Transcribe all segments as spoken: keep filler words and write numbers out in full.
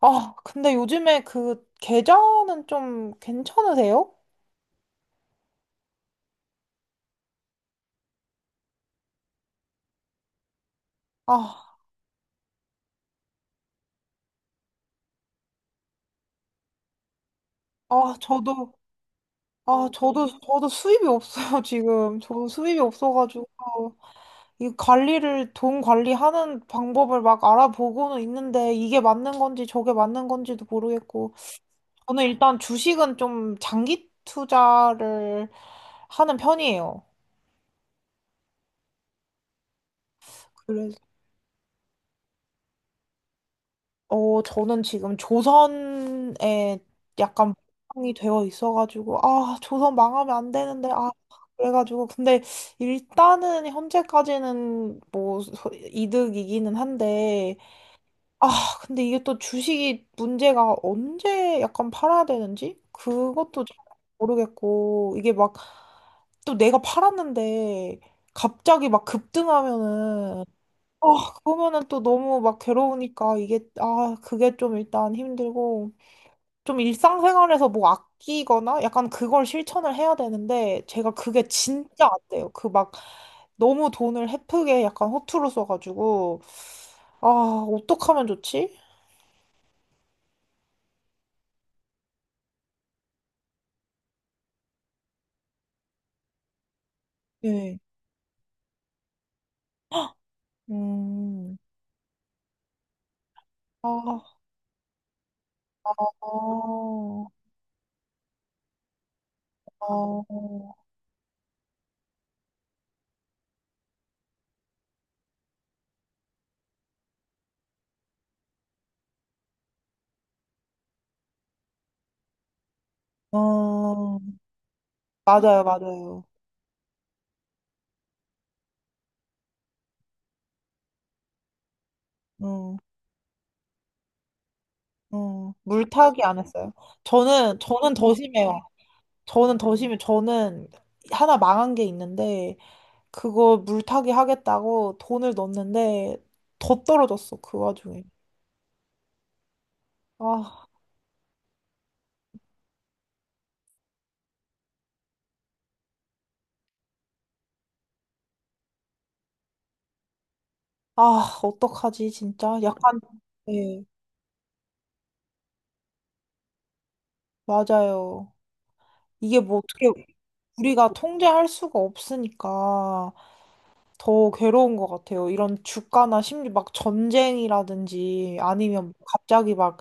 아, 근데 요즘에 그 계좌는 좀 괜찮으세요? 아, 아, 저도, 아, 저도, 저도 수입이 없어요, 지금. 저도 수입이 없어가지고, 이 관리를, 돈 관리하는 방법을 막 알아보고는 있는데, 이게 맞는 건지 저게 맞는 건지도 모르겠고, 저는 일단 주식은 좀 장기 투자를 하는 편이에요. 그래서. 어, 저는 지금 조선에 약간 모형이 되어 있어가지고, 아, 조선 망하면 안 되는데, 아, 그래가지고. 근데 일단은 현재까지는 뭐 소- 이득이기는 한데, 아, 근데 이게 또 주식이 문제가 언제 약간 팔아야 되는지? 그것도 잘 모르겠고, 이게 막 또 내가 팔았는데 갑자기 막 급등하면은 아, 그러면은 또 너무 막 괴로우니까 이게, 아, 그게 좀 일단 힘들고, 좀 일상생활에서 뭐 아끼거나 약간 그걸 실천을 해야 되는데, 제가 그게 진짜 안 돼요. 그 막 너무 돈을 헤프게 약간 허투루 써가지고, 아, 어떡하면 좋지? 예. 음, 아, 아, 아, 아, 맞아요, 맞아요. 음, 음, 물타기 안 했어요. 저는, 저는 더 심해요. 저는 더 심해. 저는 하나 망한 게 있는데, 그거 물타기 하겠다고 돈을 넣었는데, 더 떨어졌어, 그 와중에. 아, 아, 어떡하지, 진짜. 약간, 네, 맞아요. 이게 뭐 어떻게 우리가 통제할 수가 없으니까. 더 괴로운 것 같아요. 이런 주가나 심지어 막 전쟁이라든지 아니면 뭐 갑자기 막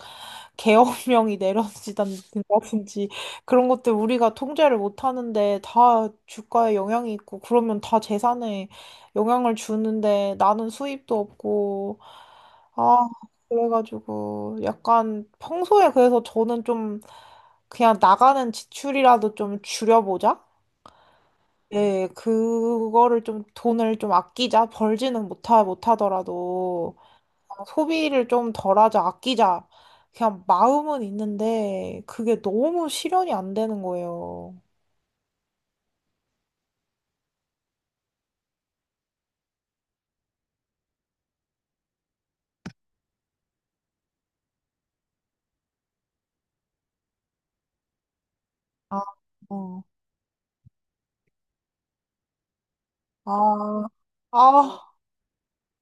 계엄령이 내려지다든지 그런 것들 우리가 통제를 못 하는데 다 주가에 영향이 있고 그러면 다 재산에 영향을 주는데 나는 수입도 없고 아 그래가지고 약간 평소에 그래서 저는 좀 그냥 나가는 지출이라도 좀 줄여보자. 네, 그거를 좀 돈을 좀 아끼자. 벌지는 못하, 못하더라도 소비를 좀 덜하자, 아끼자. 그냥 마음은 있는데 그게 너무 실현이 안 되는 거예요. 아, 어. 아, 아,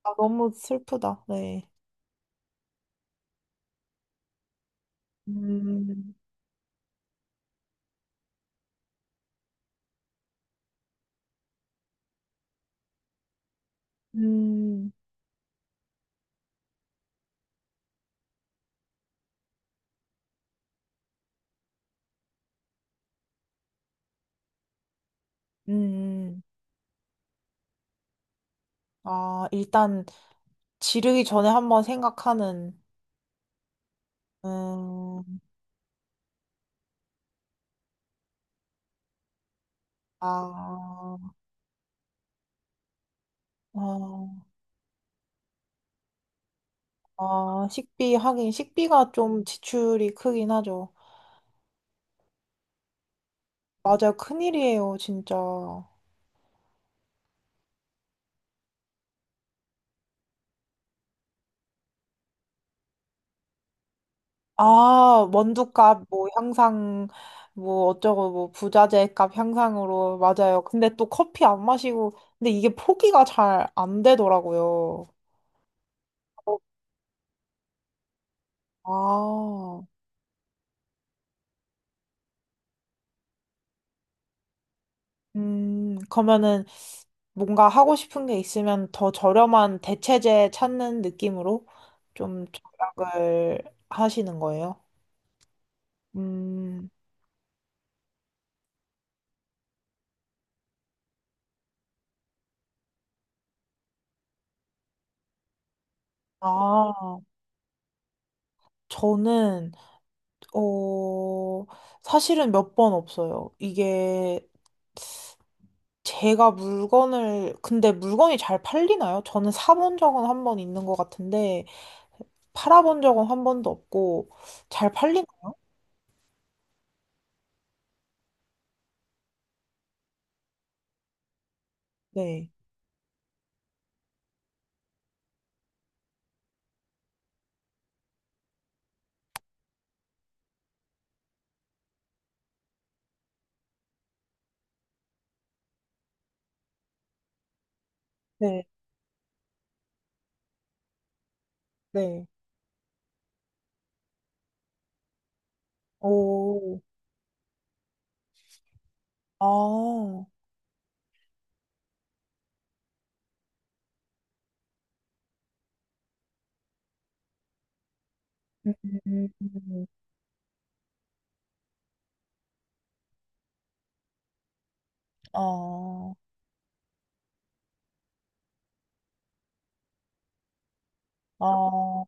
아, 너무 슬프다. 네. 음, 음, 음. 아, 일단 지르기 전에 한번 생각하는, 음, 아, 아. 아, 식비, 하긴, 식비가 좀 지출이 크긴 하죠. 맞아요. 큰일이에요, 진짜. 아, 원두값, 뭐, 향상, 뭐, 어쩌고, 뭐, 부자재 값 향상으로, 맞아요. 근데 또 커피 안 마시고, 근데 이게 포기가 잘 안 되더라고요. 아, 음, 그러면은 뭔가 하고 싶은 게 있으면 더 저렴한 대체재 찾는 느낌으로 좀 절약을 하시는 거예요? 음. 아, 저는, 어, 사실은 몇 번 없어요. 이게 제가 물건을, 근데 물건이 잘 팔리나요? 저는 사본 적은 한 번 있는 것 같은데, 팔아본 적은 한 번도 없고, 잘 팔린, 네, 네, 네. 오, 아, 음, 아, 아,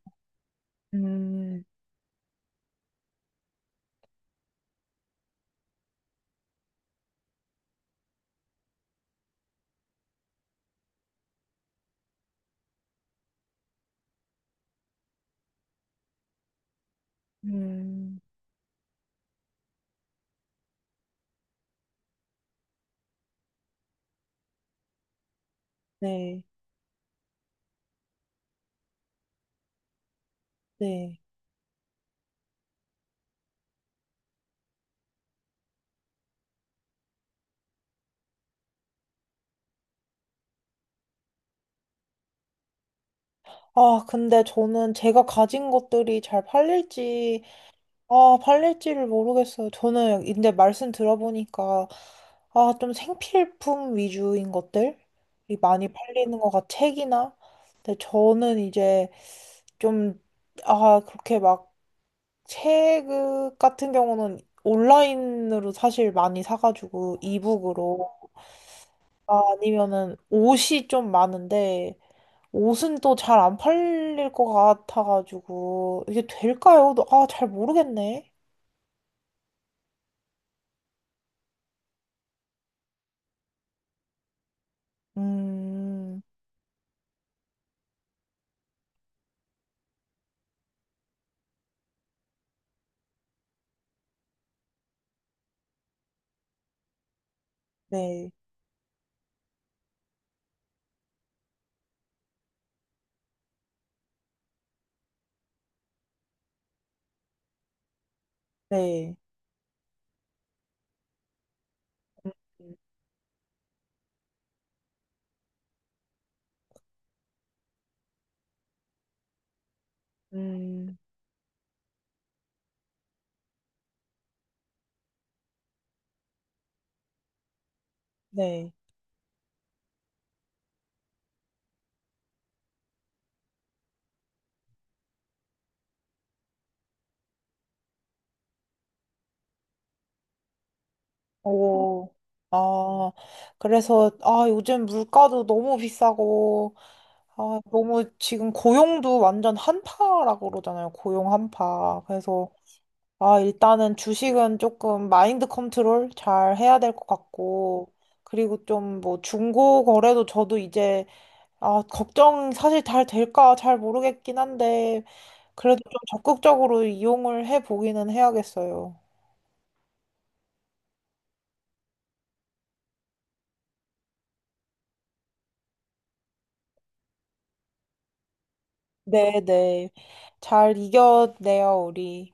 음, 음, 네, 네. 아, 근데 저는 제가 가진 것들이 잘 팔릴지, 아, 팔릴지를 모르겠어요. 저는 근데 말씀 들어보니까 아, 좀 생필품 위주인 것들이 많이 팔리는 것 같아. 책이나. 근데 저는 이제 좀 아, 그렇게 막 책 같은 경우는 온라인으로 사실 많이 사가지고 이북으로 아, 아니면은 옷이 좀 많은데 옷은 또 잘 안 팔릴 것 같아가지고 이게 될까요? 아, 잘 모르겠네. 음. 네, 네, 음, 음. 네. 음. 오, 아, 그래서, 아, 요즘 물가도 너무 비싸고, 아, 너무 지금 고용도 완전 한파라고 그러잖아요. 고용 한파. 그래서, 아, 일단은 주식은 조금 마인드 컨트롤 잘 해야 될 것 같고, 그리고 좀 뭐 중고 거래도 저도 이제, 아, 걱정 사실 잘 될까 잘 모르겠긴 한데, 그래도 좀 적극적으로 이용을 해 보기는 해야겠어요. 네, 네. 잘 이겨내요, 우리.